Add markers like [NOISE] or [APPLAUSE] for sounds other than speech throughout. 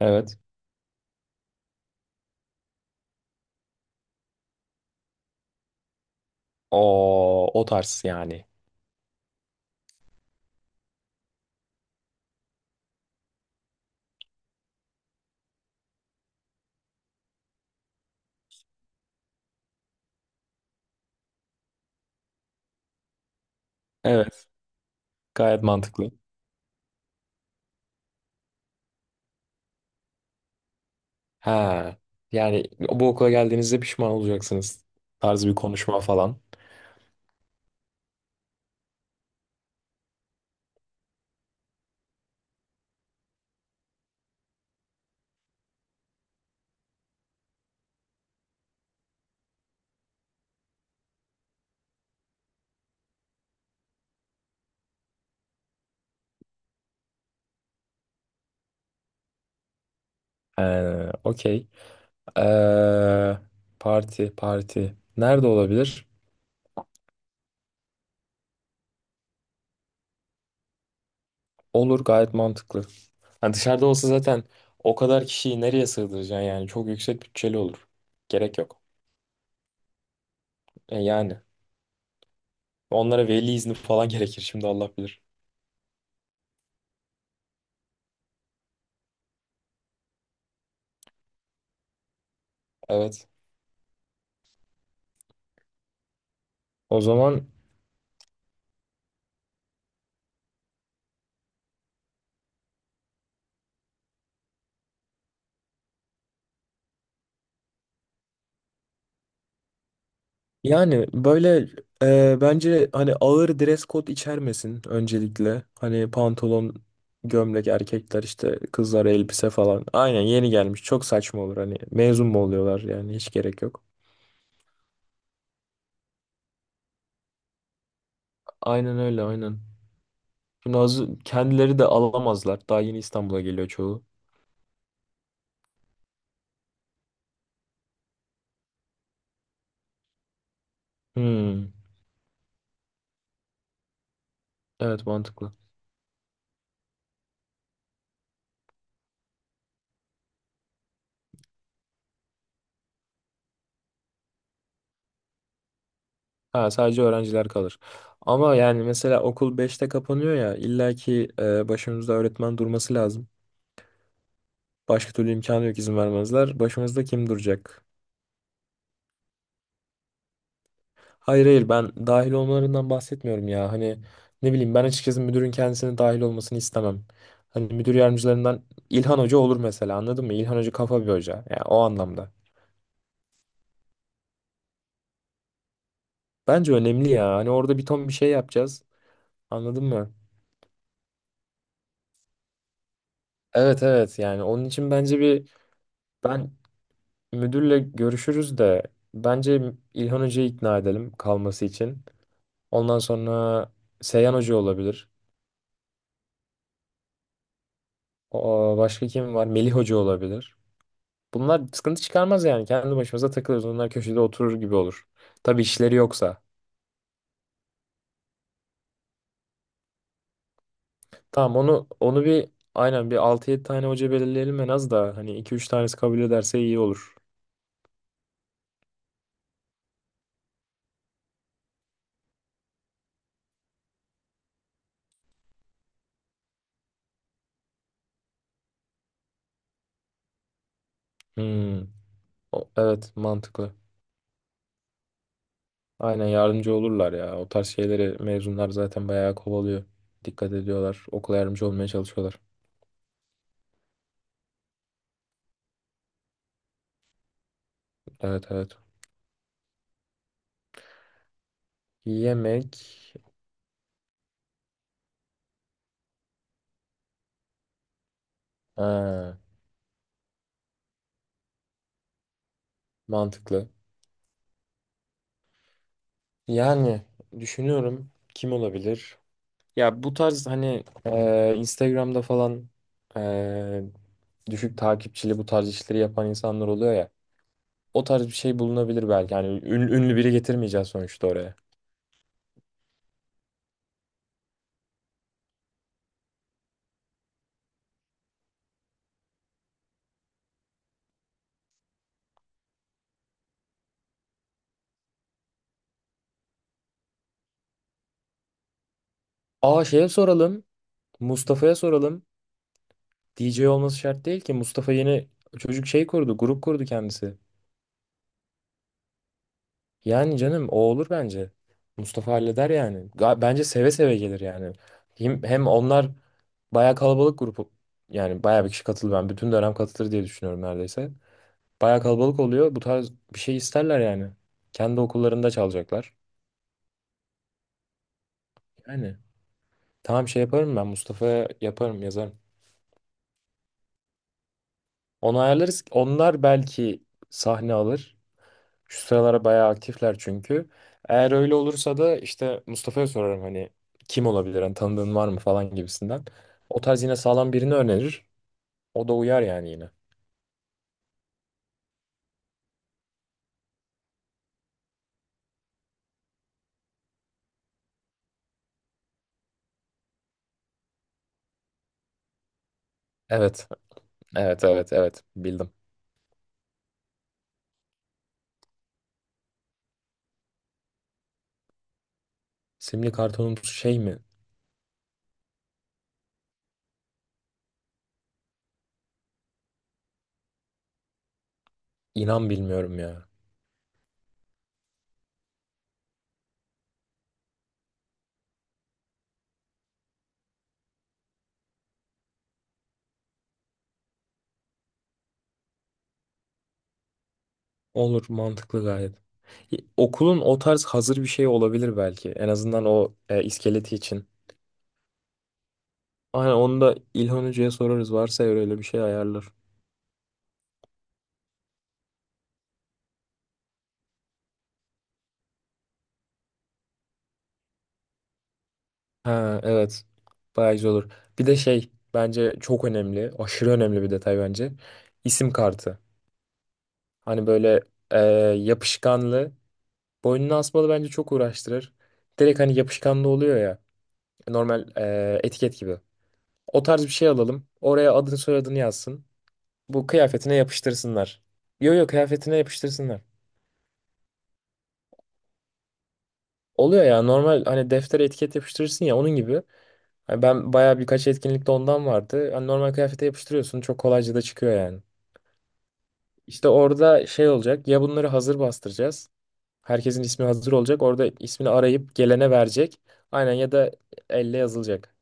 Evet. O tarz yani. Evet. Gayet mantıklı. Ha. Yani bu okula geldiğinizde pişman olacaksınız. Tarzı bir konuşma falan. Okey. Ee, parti. Nerede olabilir? Olur gayet mantıklı. Hani dışarıda olsa zaten o kadar kişiyi nereye sığdıracaksın yani çok yüksek bütçeli olur. Gerek yok. E yani onlara veli izni falan [LAUGHS] gerekir şimdi Allah bilir. Evet. O zaman yani böyle bence hani ağır dress code içermesin öncelikle. Hani pantolon, gömlek erkekler işte kızlar elbise falan. Aynen yeni gelmiş çok saçma olur hani mezun mu oluyorlar yani hiç gerek yok. Aynen öyle aynen. Şimdi az kendileri de alamazlar. Daha yeni İstanbul'a geliyor çoğu. Hmm, evet mantıklı. Ha, sadece öğrenciler kalır. Ama yani mesela okul beşte kapanıyor ya illaki başımızda öğretmen durması lazım. Başka türlü imkanı yok izin vermezler. Başımızda kim duracak? Hayır hayır, ben dahil olmalarından bahsetmiyorum ya. Hani ne bileyim ben açıkçası müdürün kendisinin dahil olmasını istemem. Hani müdür yardımcılarından İlhan Hoca olur mesela, anladın mı? İlhan Hoca kafa bir hoca. Yani o anlamda. Bence önemli ya. Hani orada bir ton bir şey yapacağız. Anladın mı? Evet evet, yani onun için bence bir ben müdürle görüşürüz de bence İlhan Hoca'yı ikna edelim kalması için. Ondan sonra Seyhan Hoca olabilir. O, başka kim var? Melih Hoca olabilir. Bunlar sıkıntı çıkarmaz yani. Kendi başımıza takılırız. Onlar köşede oturur gibi olur. Tabii işleri yoksa. Tamam, onu bir aynen bir altı yedi tane hoca belirleyelim en az, da hani iki üç tanesi kabul ederse iyi olur. Hmm. Evet, mantıklı. Aynen, yardımcı olurlar ya. O tarz şeyleri mezunlar zaten bayağı kovalıyor. Dikkat ediyorlar. Okula yardımcı olmaya çalışıyorlar. Evet evet. Yemek. Ha, mantıklı. Yani düşünüyorum, kim olabilir? Ya bu tarz hani Instagram'da falan e, düşük takipçili bu tarz işleri yapan insanlar oluyor ya. O tarz bir şey bulunabilir belki. Yani ünlü biri getirmeyeceğiz sonuçta oraya. Aa, şeye soralım. Mustafa'ya soralım. DJ olması şart değil ki. Mustafa yeni çocuk şey kurdu, grup kurdu kendisi. Yani canım o olur bence. Mustafa halleder yani. Bence seve seve gelir yani. Hem, hem onlar bayağı kalabalık grup. Yani bayağı bir kişi katılır. Ben bütün dönem katılır diye düşünüyorum neredeyse. Bayağı kalabalık oluyor. Bu tarz bir şey isterler yani. Kendi okullarında çalacaklar. Yani tamam, şey yaparım, ben Mustafa'ya yaparım, yazarım. Onu ayarlarız. Onlar belki sahne alır. Şu sıralar bayağı aktifler çünkü. Eğer öyle olursa da işte Mustafa'ya sorarım hani kim olabilir, hani tanıdığın var mı falan gibisinden. O tarz yine sağlam birini önerir. O da uyar yani yine. Evet, evet, evet, evet, bildim. Simli kartonumuz şey mi? İnan bilmiyorum ya. Olur, mantıklı gayet. Okulun o tarz hazır bir şey olabilir belki. En azından o iskeleti için. Aynen, onu da İlhan Hoca'ya sorarız. Varsa eğer öyle bir şey ayarlar. Ha evet. Bayağı güzel olur. Bir de şey bence çok önemli. Aşırı önemli bir detay bence. İsim kartı. Hani böyle e, yapışkanlı. Boynuna asmalı bence çok uğraştırır. Direkt hani yapışkanlı oluyor ya. Normal etiket gibi. O tarz bir şey alalım. Oraya adını soyadını yazsın. Bu kıyafetine yapıştırsınlar. Yo yo, kıyafetine yapıştırsınlar. Oluyor ya, normal hani deftere etiket yapıştırırsın ya, onun gibi. Hani ben bayağı birkaç etkinlikte ondan vardı. Hani normal kıyafete yapıştırıyorsun, çok kolayca da çıkıyor yani. İşte orada şey olacak ya, bunları hazır bastıracağız. Herkesin ismi hazır olacak. Orada ismini arayıp gelene verecek. Aynen, ya da elle yazılacak.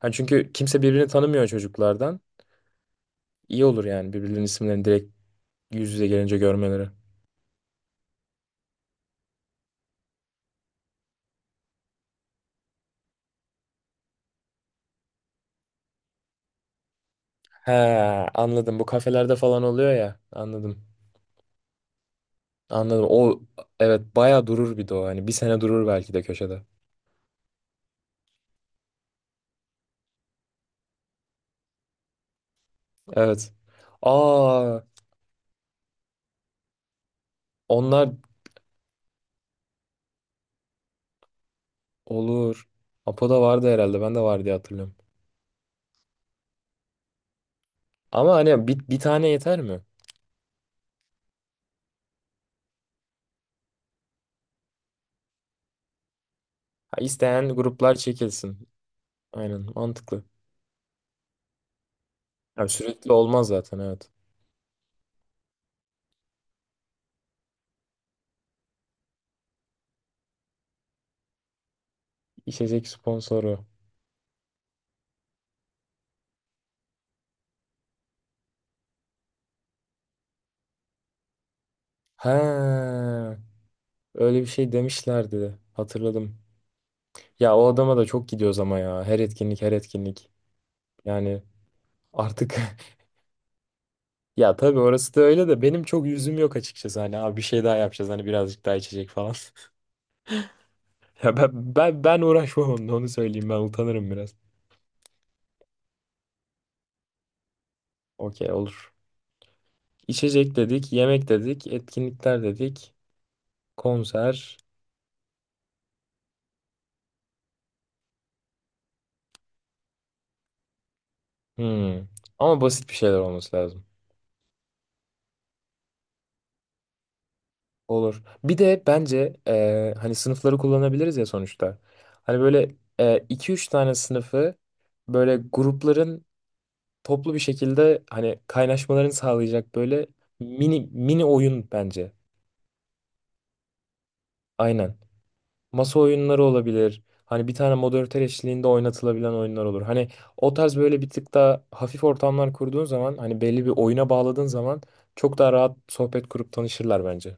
Hani çünkü kimse birbirini tanımıyor çocuklardan. İyi olur yani birbirlerinin isimlerini direkt yüz yüze gelince görmeleri. He, anladım. Bu kafelerde falan oluyor ya. Anladım. Anladım. O, evet, bayağı durur bir de o. Hani bir sene durur belki de köşede. Evet. Aa, onlar olur. Apo'da vardı herhalde. Ben de var diye hatırlıyorum. Ama hani bir tane yeter mi? Ha, isteyen gruplar çekilsin. Aynen, mantıklı. Ya sürekli olmaz zaten, evet. İçecek sponsoru. Ha, öyle bir şey demişlerdi. Hatırladım. Ya o adama da çok gidiyoruz ama ya. Her etkinlik her etkinlik. Yani artık [LAUGHS] ya tabii orası da öyle de benim çok yüzüm yok açıkçası. Hani abi bir şey daha yapacağız hani birazcık daha içecek falan. [LAUGHS] Ya ben uğraşmam onunla, onu söyleyeyim, ben utanırım biraz. Okey, olur. İçecek dedik, yemek dedik, etkinlikler dedik, konser. Hmm. Ama basit bir şeyler olması lazım. Olur. Bir de bence hani sınıfları kullanabiliriz ya sonuçta. Hani böyle iki üç tane sınıfı böyle grupların toplu bir şekilde hani kaynaşmalarını sağlayacak böyle mini oyun bence. Aynen. Masa oyunları olabilir. Hani bir tane moderatör eşliğinde oynatılabilen oyunlar olur. Hani o tarz böyle bir tık daha hafif ortamlar kurduğun zaman hani belli bir oyuna bağladığın zaman çok daha rahat sohbet kurup tanışırlar bence.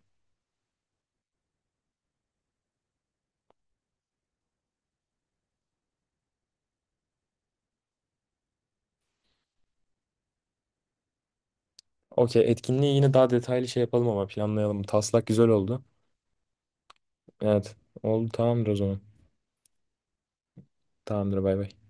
Okey, etkinliği yine daha detaylı şey yapalım ama, planlayalım. Taslak güzel oldu. Evet. Oldu, tamamdır o zaman. Tamamdır, bay bay.